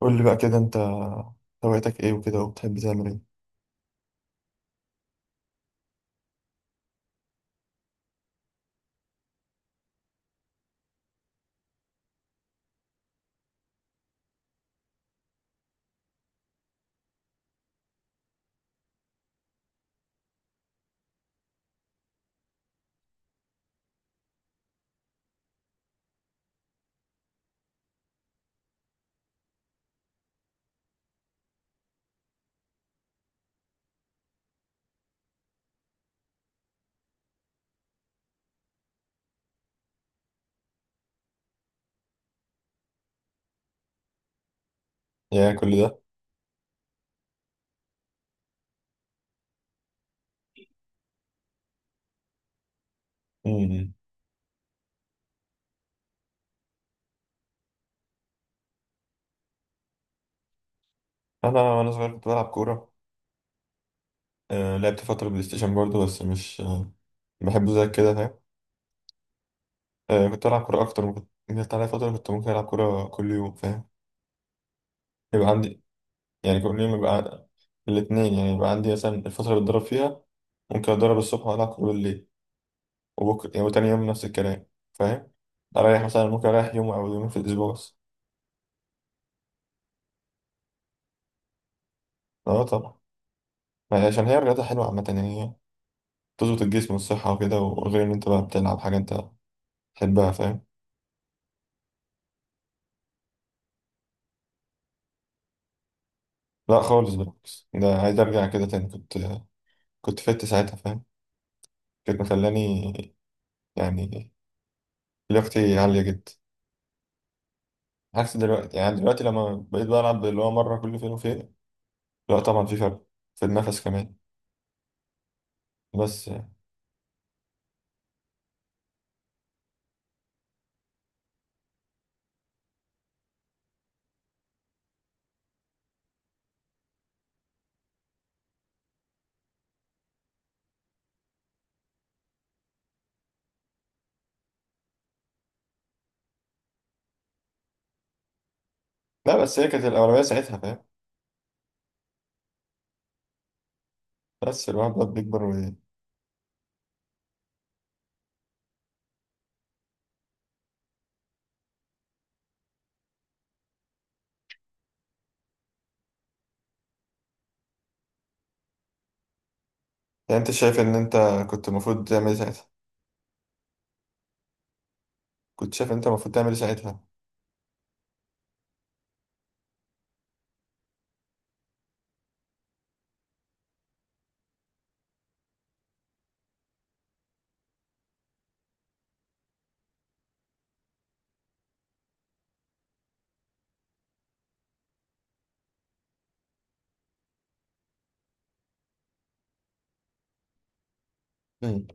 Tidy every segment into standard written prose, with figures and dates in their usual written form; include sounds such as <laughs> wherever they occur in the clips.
قول لي بقى كده انت هوايتك ايه وكده وبتحب تعمل ايه؟ يا كل ده. مم. انا وانا صغير كنت بلعب كوره. آه لعبت فتره بلاي ستيشن برضه بس مش بحبه زي كده، فاهم؟ آه كنت بلعب كوره اكتر، ممكن جت عليا فتره كنت ممكن العب كوره كل يوم، فاهم؟ يبقى عندي، يعني كل يوم يبقى الاثنين، يعني يبقى عندي مثلا الفتره اللي بتدرب فيها ممكن اتدرب الصبح والعب كوره بالليل، وبكره يعني وتاني يوم نفس الكلام، فاهم؟ اريح مثلا، ممكن اريح يوم او يومين في الاسبوع بس. اه طبعا، يعني عشان هي الرياضه حلوه عامه يعني، تظبط الجسم والصحة وكده، وغير إن أنت بقى بتلعب حاجة أنت تحبها، فاهم؟ لا خالص، بالعكس ده عايز أرجع كده تاني. كنت كنت فت ساعتها، فاهم؟ كانت مخلاني يعني لياقتي عالية جدا، عكس دلوقتي، يعني دلوقتي لما بقيت بلعب اللي هو مرة كل فين وفين. لا طبعا في فرق، في النفس كمان. بس لا، بس هي كانت الأولوية ساعتها، فاهم؟ بس الواحد بقى بيكبر و... يعني أنت شايف إن أنت كنت المفروض تعمل إيه ساعتها؟ كنت شايف إن أنت المفروض تعمل إيه ساعتها؟ مم.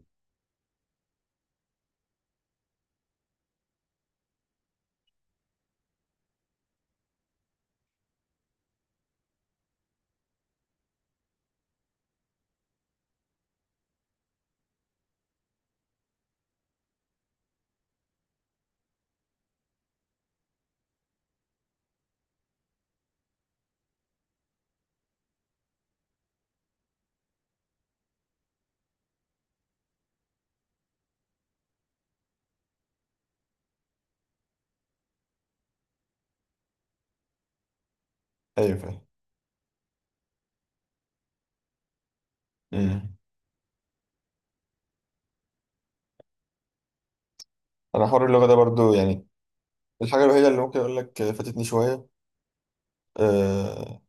أيوه فاهم. مم. أنا حوار اللغة ده برضو، يعني الحاجة الوحيدة اللي ممكن أقول لك فاتتني شوية. أه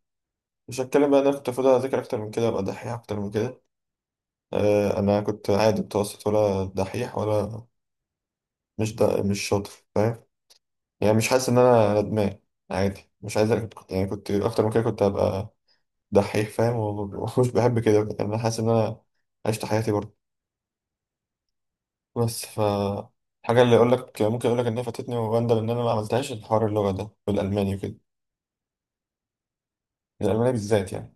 مش هتكلم بقى، أنا كنت المفروض أذاكر أكتر من كده، أبقى دحيح أكتر من كده. أه أنا كنت عادي متوسط، ولا دحيح ولا مش شاطر، فاهم؟ يعني مش حاسس إن أنا ندمان، عادي، مش عايز. أنا كنت يعني كنت أكتر من كده، كنت هبقى دحيح، فاهم؟ <laughs> ومش بحب كده، يعني أنا حاسس إن أنا عشت حياتي برضه. بس ف الحاجة اللي أقول لك، ممكن أقول لك إن هي فاتتني وأندم إن أنا ما عملتهاش، الحوار اللغة ده والألماني وكده. الألماني بالذات يعني.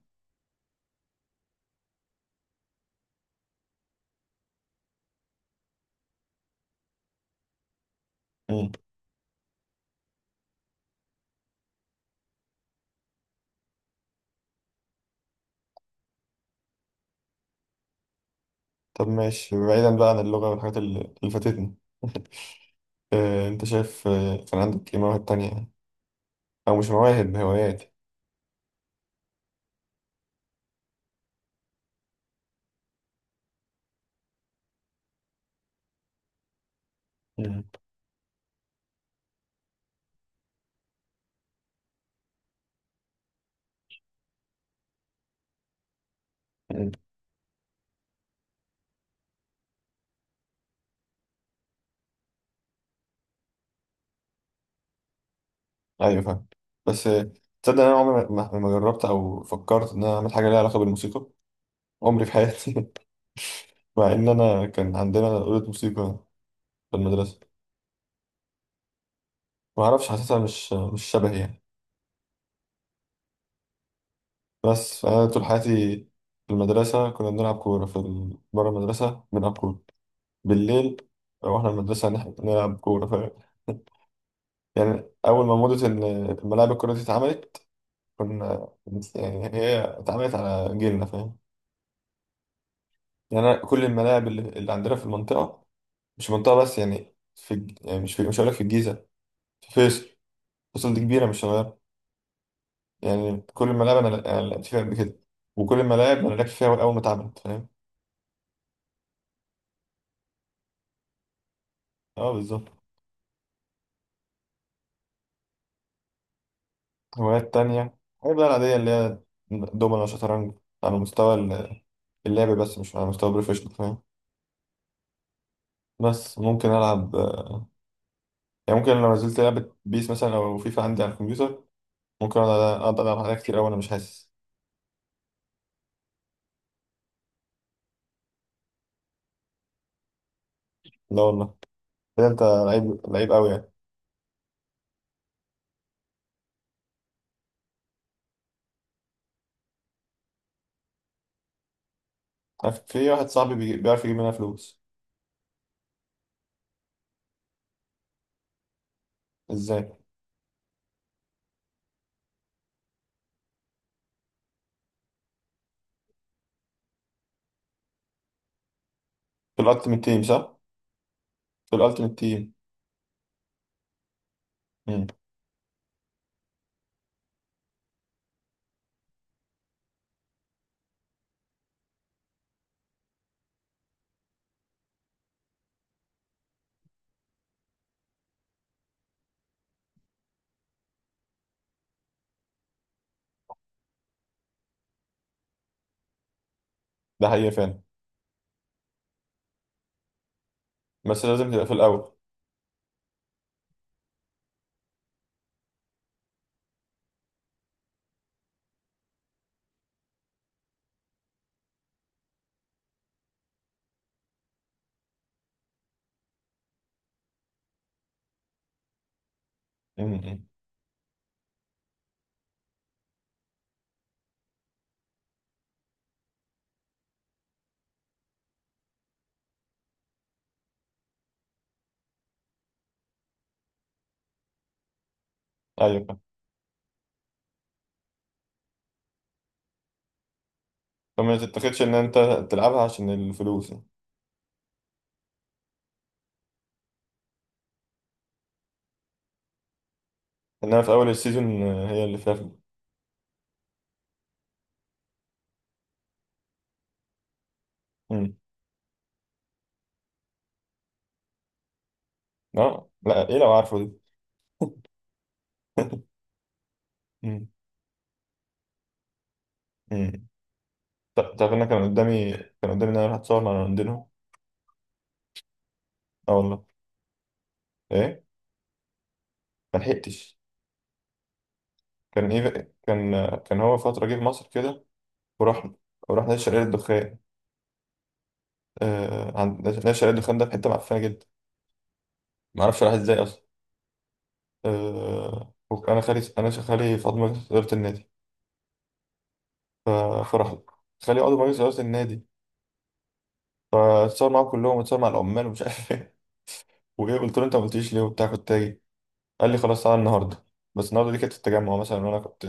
طب ماشي، بعيدا بقى عن اللغة والحاجات اللي فاتتني. <laughs> آه، انت شايف آه، كان عندك ايه مواهب تانية يعني؟ او مش مواهب، هوايات. <laughs> مم. مم. ايوه فاهم. بس آه، تصدق إن انا عمري ما جربت او فكرت ان انا اعمل حاجة ليها علاقة بالموسيقى، عمري في حياتي؟ <laughs> مع ان انا كان عندنا أوضة موسيقى في المدرسة. ما اعرفش، حاسسها مش شبهي يعني. بس انا طول حياتي في المدرسة كنا بنلعب كورة في بره المدرسة بنلعب كورة بالليل، رحنا المدرسة نلعب كورة، فاهم؟ يعني أول ما موضة إن الملاعب الكرة دي اتعملت كنا، يعني هي اتعملت على جيلنا، فاهم؟ يعني أنا كل الملاعب اللي عندنا في المنطقة، مش منطقة بس، يعني في يعني مش في مش هقولك في الجيزة، في فيصل. فيصل دي كبيرة مش صغيرة. يعني كل الملاعب أنا لعبت فيها قبل كده، وكل الملاعب أنا لعبت فيها أول ما اتعملت، فاهم؟ أه بالظبط. هوايات تانية الحاجات بقى العادية اللي هي دومنا وشطرنج، على مستوى اللعب، بس مش على مستوى بروفيشنال، فاهم؟ بس ممكن ألعب، يعني ممكن لو نزلت لعبة بيس مثلا أو فيفا عندي على الكمبيوتر، ممكن أقعد ألعب عليها كتير أوي، أنا مش حاسس. لا والله، ده أنت لعيب لعيب أوي يعني. عارف في واحد صاحبي بيعرف يجيب منها فلوس. إزاي؟ في الألتيمت تيم صح؟ في الألتيمت تيم. مم. ده حقيقة فعلا. بس لازم تبقى في الأول. مم. مم. أيوة فاهم. فما تتاخدش إن أنت تلعبها عشان الفلوس يعني. إنما في أول السيزون آه، هي اللي فيها فلوس. مم. أه لا إيه لو عارفه دي. <laughs> مم. مم. تعرف إن أنا كان قدامي، كان قدامي إن أنا أروح أتصور مع رونالدينو. أه والله. ايه؟ ما لحقتش. كان ايه، كان كان فتره جه في مصر كده، ورحنا، ورحنا نادي شرقية الدخان. آه عند نادي شرقية الدخان ده، في حته معفنه جدا، ما اعرفش راح ازاي اصلا. آه وانا خالي، انا خالي فاضل مجلس اداره النادي، ف- فرحت. خالي عضو مجلس اداره النادي، فاتصور معاهم كلهم، واتصور مع العمال ومش عارف ايه. <laughs> وايه قلت له انت ما قلتليش ليه وبتاع كنت تاجي؟ قال لي خلاص تعالى النهارده. بس النهارده دي كانت في التجمع مثلا وانا كنت،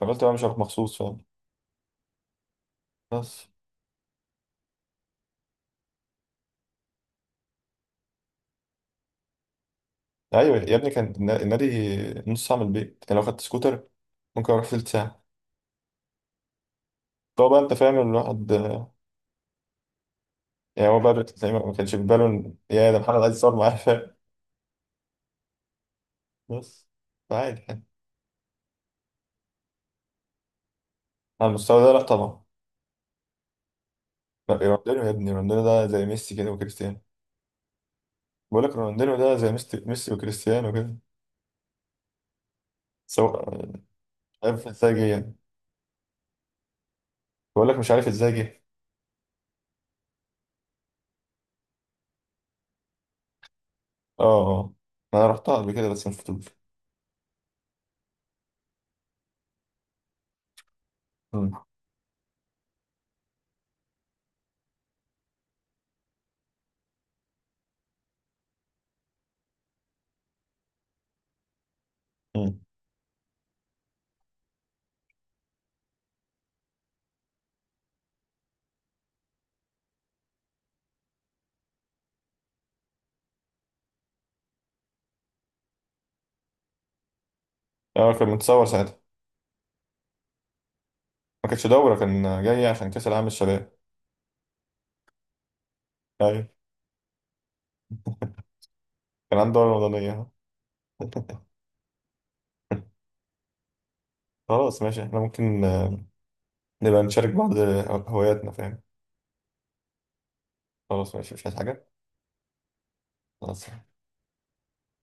فقلت بقى مش هروح مخصوص، فاهم؟ بس ايوه يا ابني، كان النادي نص ساعه من البيت، يعني لو خدت سكوتر ممكن اروح تلت ساعه. فهو بقى انت فاهم الواحد آه، يعني هو بقى زي ما ما كانش في باله يا ده محمد عايز يصور معايا، فاهم؟ بس فعادي يعني. على المستوى ده لا طبعا. لا رونالدينيو يا ابني، رونالدينيو ده زي ميسي كده وكريستيانو. بقول لك رونالدينيو ده زي ميسي وكريستيانو كده. سواء مش عارف ازاي جه يعني. بقول لك مش عارف ازاي جه. اه اه آه. انا رحتها قبل كده بس مش فضول. امم. امم. اه كان متصور ساعتها. ما كانش دوره، كان جاي عشان كاس العالم الشباب. ايوه، كان عندي دورة رمضانية. <laughs> خلاص ماشي، احنا ممكن آه، نبقى نشارك بعض هواياتنا، فاهم؟ خلاص ماشي، مش عايز حاجة. خلاص.